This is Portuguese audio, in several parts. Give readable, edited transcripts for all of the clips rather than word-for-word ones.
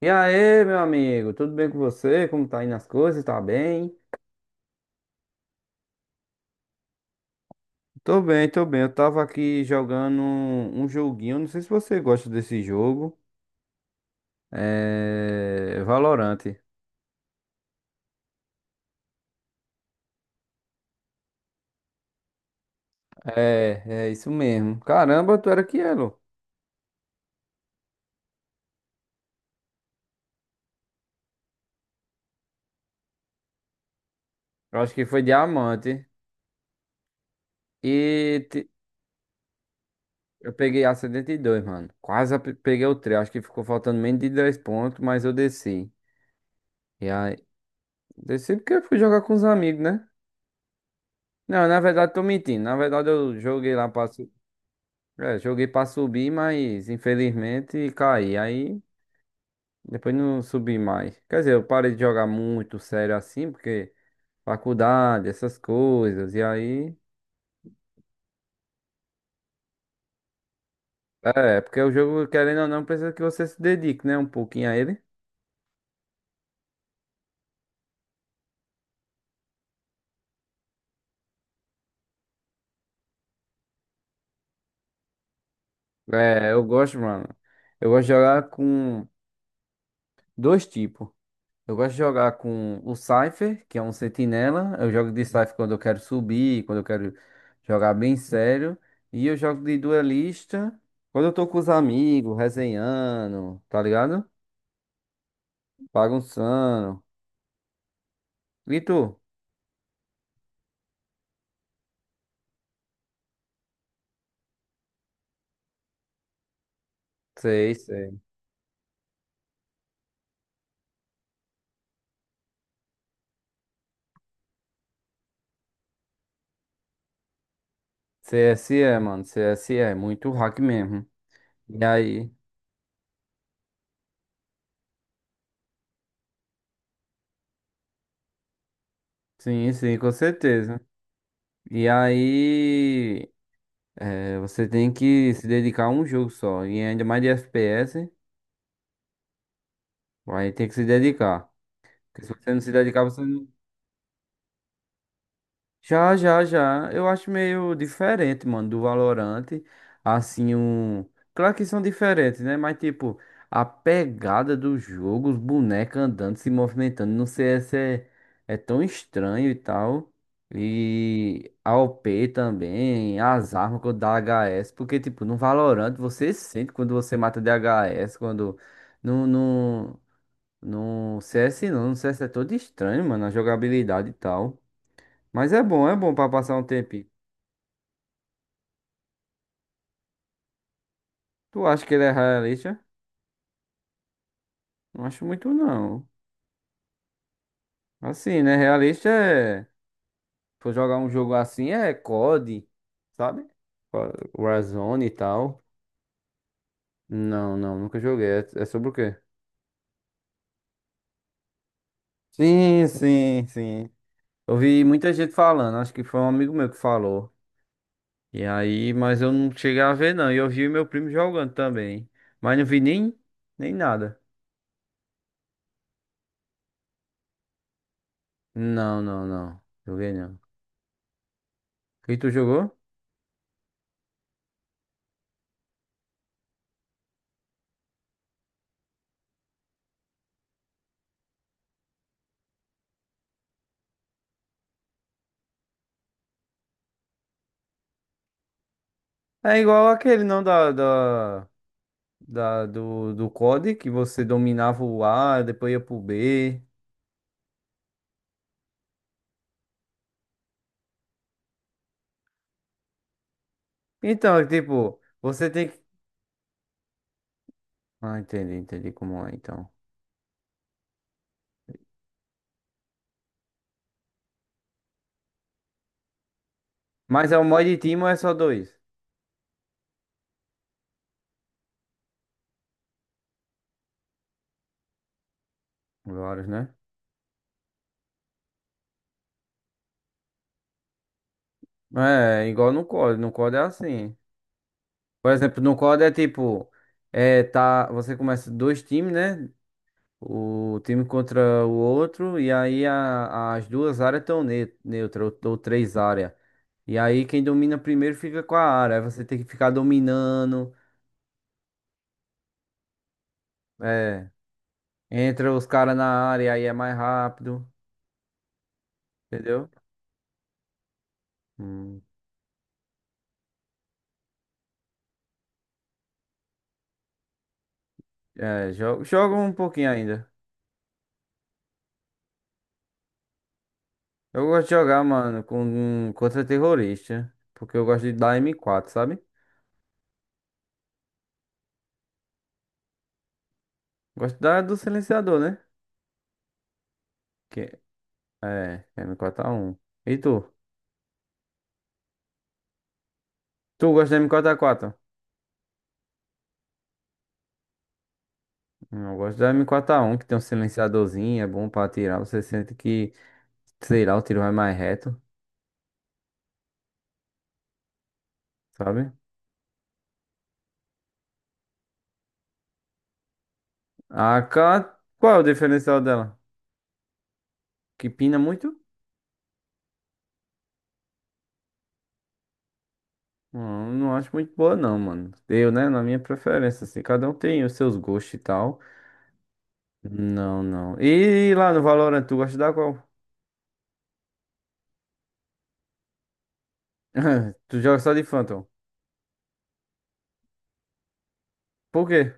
E aí, meu amigo, tudo bem com você? Como tá indo as coisas? Tá bem? Tô bem, tô bem. Eu tava aqui jogando um joguinho. Não sei se você gosta desse jogo. É. Valorante. É, isso mesmo. Caramba, tu era Elo. Eu acho que foi diamante. E te- eu peguei a 72, mano. Quase peguei o 3. Acho que ficou faltando menos de 10 pontos, mas eu desci. E aí, desci porque eu fui jogar com os amigos, né? Não, na verdade, tô mentindo. Na verdade, eu joguei lá, pra. É, joguei pra subir, mas infelizmente caí. Aí depois não subi mais. Quer dizer, eu parei de jogar muito sério assim, porque faculdade, essas coisas. E aí. É, porque o jogo, querendo ou não, precisa que você se dedique, né? Um pouquinho a ele. É, eu gosto, mano. Eu gosto de jogar com dois tipos. Eu gosto de jogar com o Cypher, que é um sentinela. Eu jogo de Cypher quando eu quero subir, quando eu quero jogar bem sério. E eu jogo de duelista quando eu tô com os amigos, resenhando, tá ligado? Bagunçando. E tu? Sei, sei. C S E, mano. C S E, muito hack mesmo. E aí? Sim, sim, com certeza. E aí, você tem que se dedicar a um jogo só. E ainda mais de FPS, aí tem que se dedicar. Porque se você não se dedicar, você não. Já, já, já. Eu acho meio diferente, mano, do Valorant. Assim, um. Claro que são diferentes, né? Mas, tipo, a pegada do jogo, os bonecos andando, se movimentando no CS é tão estranho e tal. E a O p também, as armas quando dá HS. Porque, tipo, no Valorant você sente quando você mata DHS, quando. no no no CS não, no CS é todo estranho, mano, a jogabilidade e tal. Mas é bom pra passar um tempo. Tu acha que ele é realista? Não acho muito não. Assim, né? Realista é. For jogar um jogo assim é COD, sabe? Warzone e tal. Não, não, nunca joguei. É, sobre o quê? Sim, sim, sim. Eu vi muita gente falando, acho que foi um amigo meu que falou. E aí, mas eu não cheguei a ver não. E eu vi meu primo jogando também. Mas não vi nem, nada. Não, não, não. Joguei não. E tu jogou? É igual aquele, não, do COD, que você dominava o A, depois ia pro B. Então, é tipo, você tem que... Ah, entendi, entendi como é, então. Mas é o mod team ou é só dois? Vários, né? É, igual no COD. No COD é assim. Por exemplo, no COD é tipo... É, tá, você começa dois times, né? O time contra o outro, e aí as duas áreas estão ne neutras, ou três áreas. E aí quem domina primeiro fica com a área. Aí você tem que ficar dominando. É, entra os caras na área, aí é mais rápido, entendeu? Hum, é, jogo um pouquinho ainda. Eu gosto de jogar, mano, com contra terrorista. Porque eu gosto de dar M4, sabe? Gosto da do silenciador, né? Que, é, M4A1. E tu? Tu gosta de M4A4? Eu gosto da M4A1, que tem um silenciadorzinho, é bom pra atirar. Você sente que, sei lá, o tiro vai mais reto, sabe? A AK, qual é o diferencial dela? Que pina muito? Não, não acho muito boa, não, mano. Eu, né, na minha preferência, assim, cada um tem os seus gostos e tal. Não, não. E lá no Valorant, tu gosta da qual? Tu joga só de Phantom. Por quê?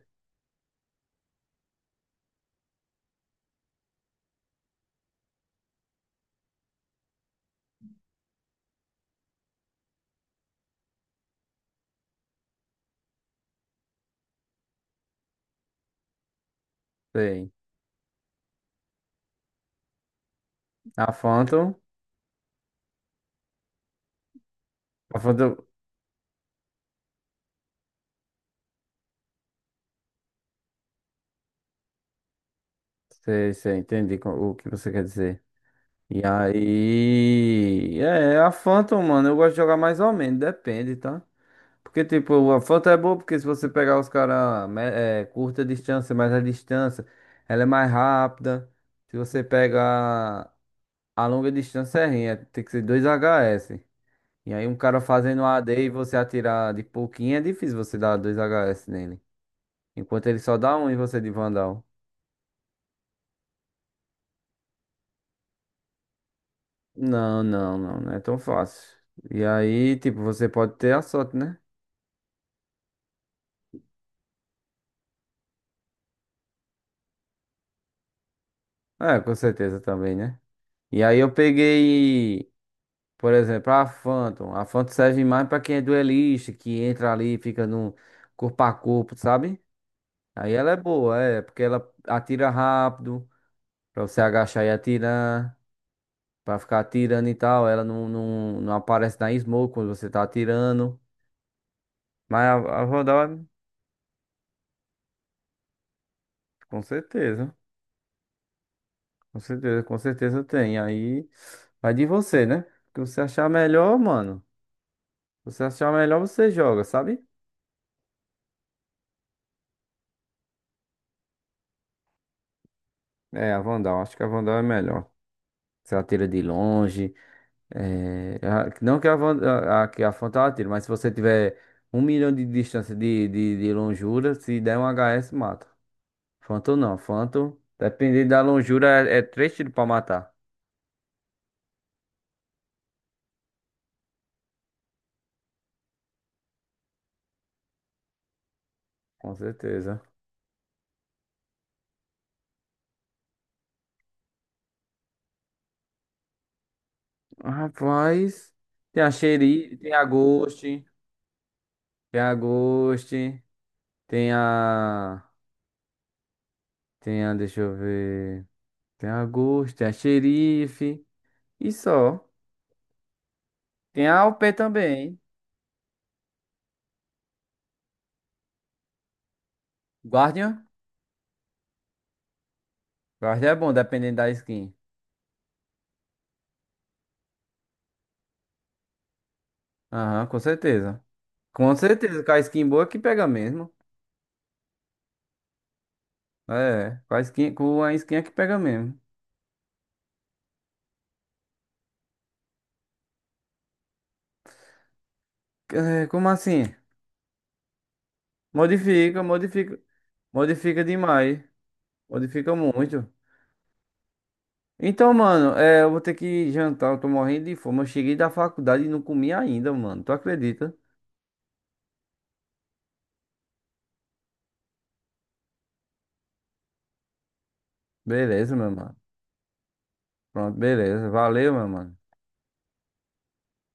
Sei. A Phantom. A Phantom. Sei, sei, entendi o que você quer dizer. E aí. É, a Phantom, mano, eu gosto de jogar mais ou menos, depende, tá? Porque, tipo, a Phantom é boa porque se você pegar os caras é, curta distância, mas a distância, ela é mais rápida. Se você pegar a longa distância, é ruim, tem que ser 2HS. E aí, um cara fazendo um a AD e você atirar de pouquinho, é difícil você dar 2HS nele. Enquanto ele só dá um e você de Vandal. Não, não, não, não é tão fácil. E aí, tipo, você pode ter a sorte, né? É, com certeza também, né? E aí eu peguei, por exemplo, a Phantom. A Phantom serve mais pra quem é duelista, que entra ali e fica no corpo a corpo, sabe? Aí ela é boa, é, porque ela atira rápido, pra você agachar e atirar, pra ficar atirando e tal. Ela não, não, não aparece na smoke quando você tá atirando. Mas a Vandal, com certeza, com certeza, com certeza tem. Aí vai de você, né? O que você achar melhor, mano. Se você achar melhor, você joga, sabe? É, a Vandal, acho que a Vandal é melhor. Se atira de longe. É, não que a, Vandal, a, que a Fanta ela, mas se você tiver um milhão de distância de, de longura, se der um HS, mata. Phantom não, Phantom, dependendo da longura, é três tiros pra matar. Com certeza. Rapaz, tem a Xeri, tem a Ghost, tem a Ghost, tem a. Tem a, deixa eu ver. Tem a Ghost, tem a Xerife. E só. Tem a OP também, Guardian? Guardian é bom, dependendo da skin. Aham, com certeza. Com certeza, com a skin boa que pega mesmo. É, com a skin é que pega mesmo. É, como assim? Modifica, modifica. Modifica demais. Modifica muito. Então, mano, é, eu vou ter que jantar, eu tô morrendo de fome. Eu cheguei da faculdade e não comi ainda, mano. Tu acredita? Beleza, meu mano. Pronto, beleza. Valeu, meu mano.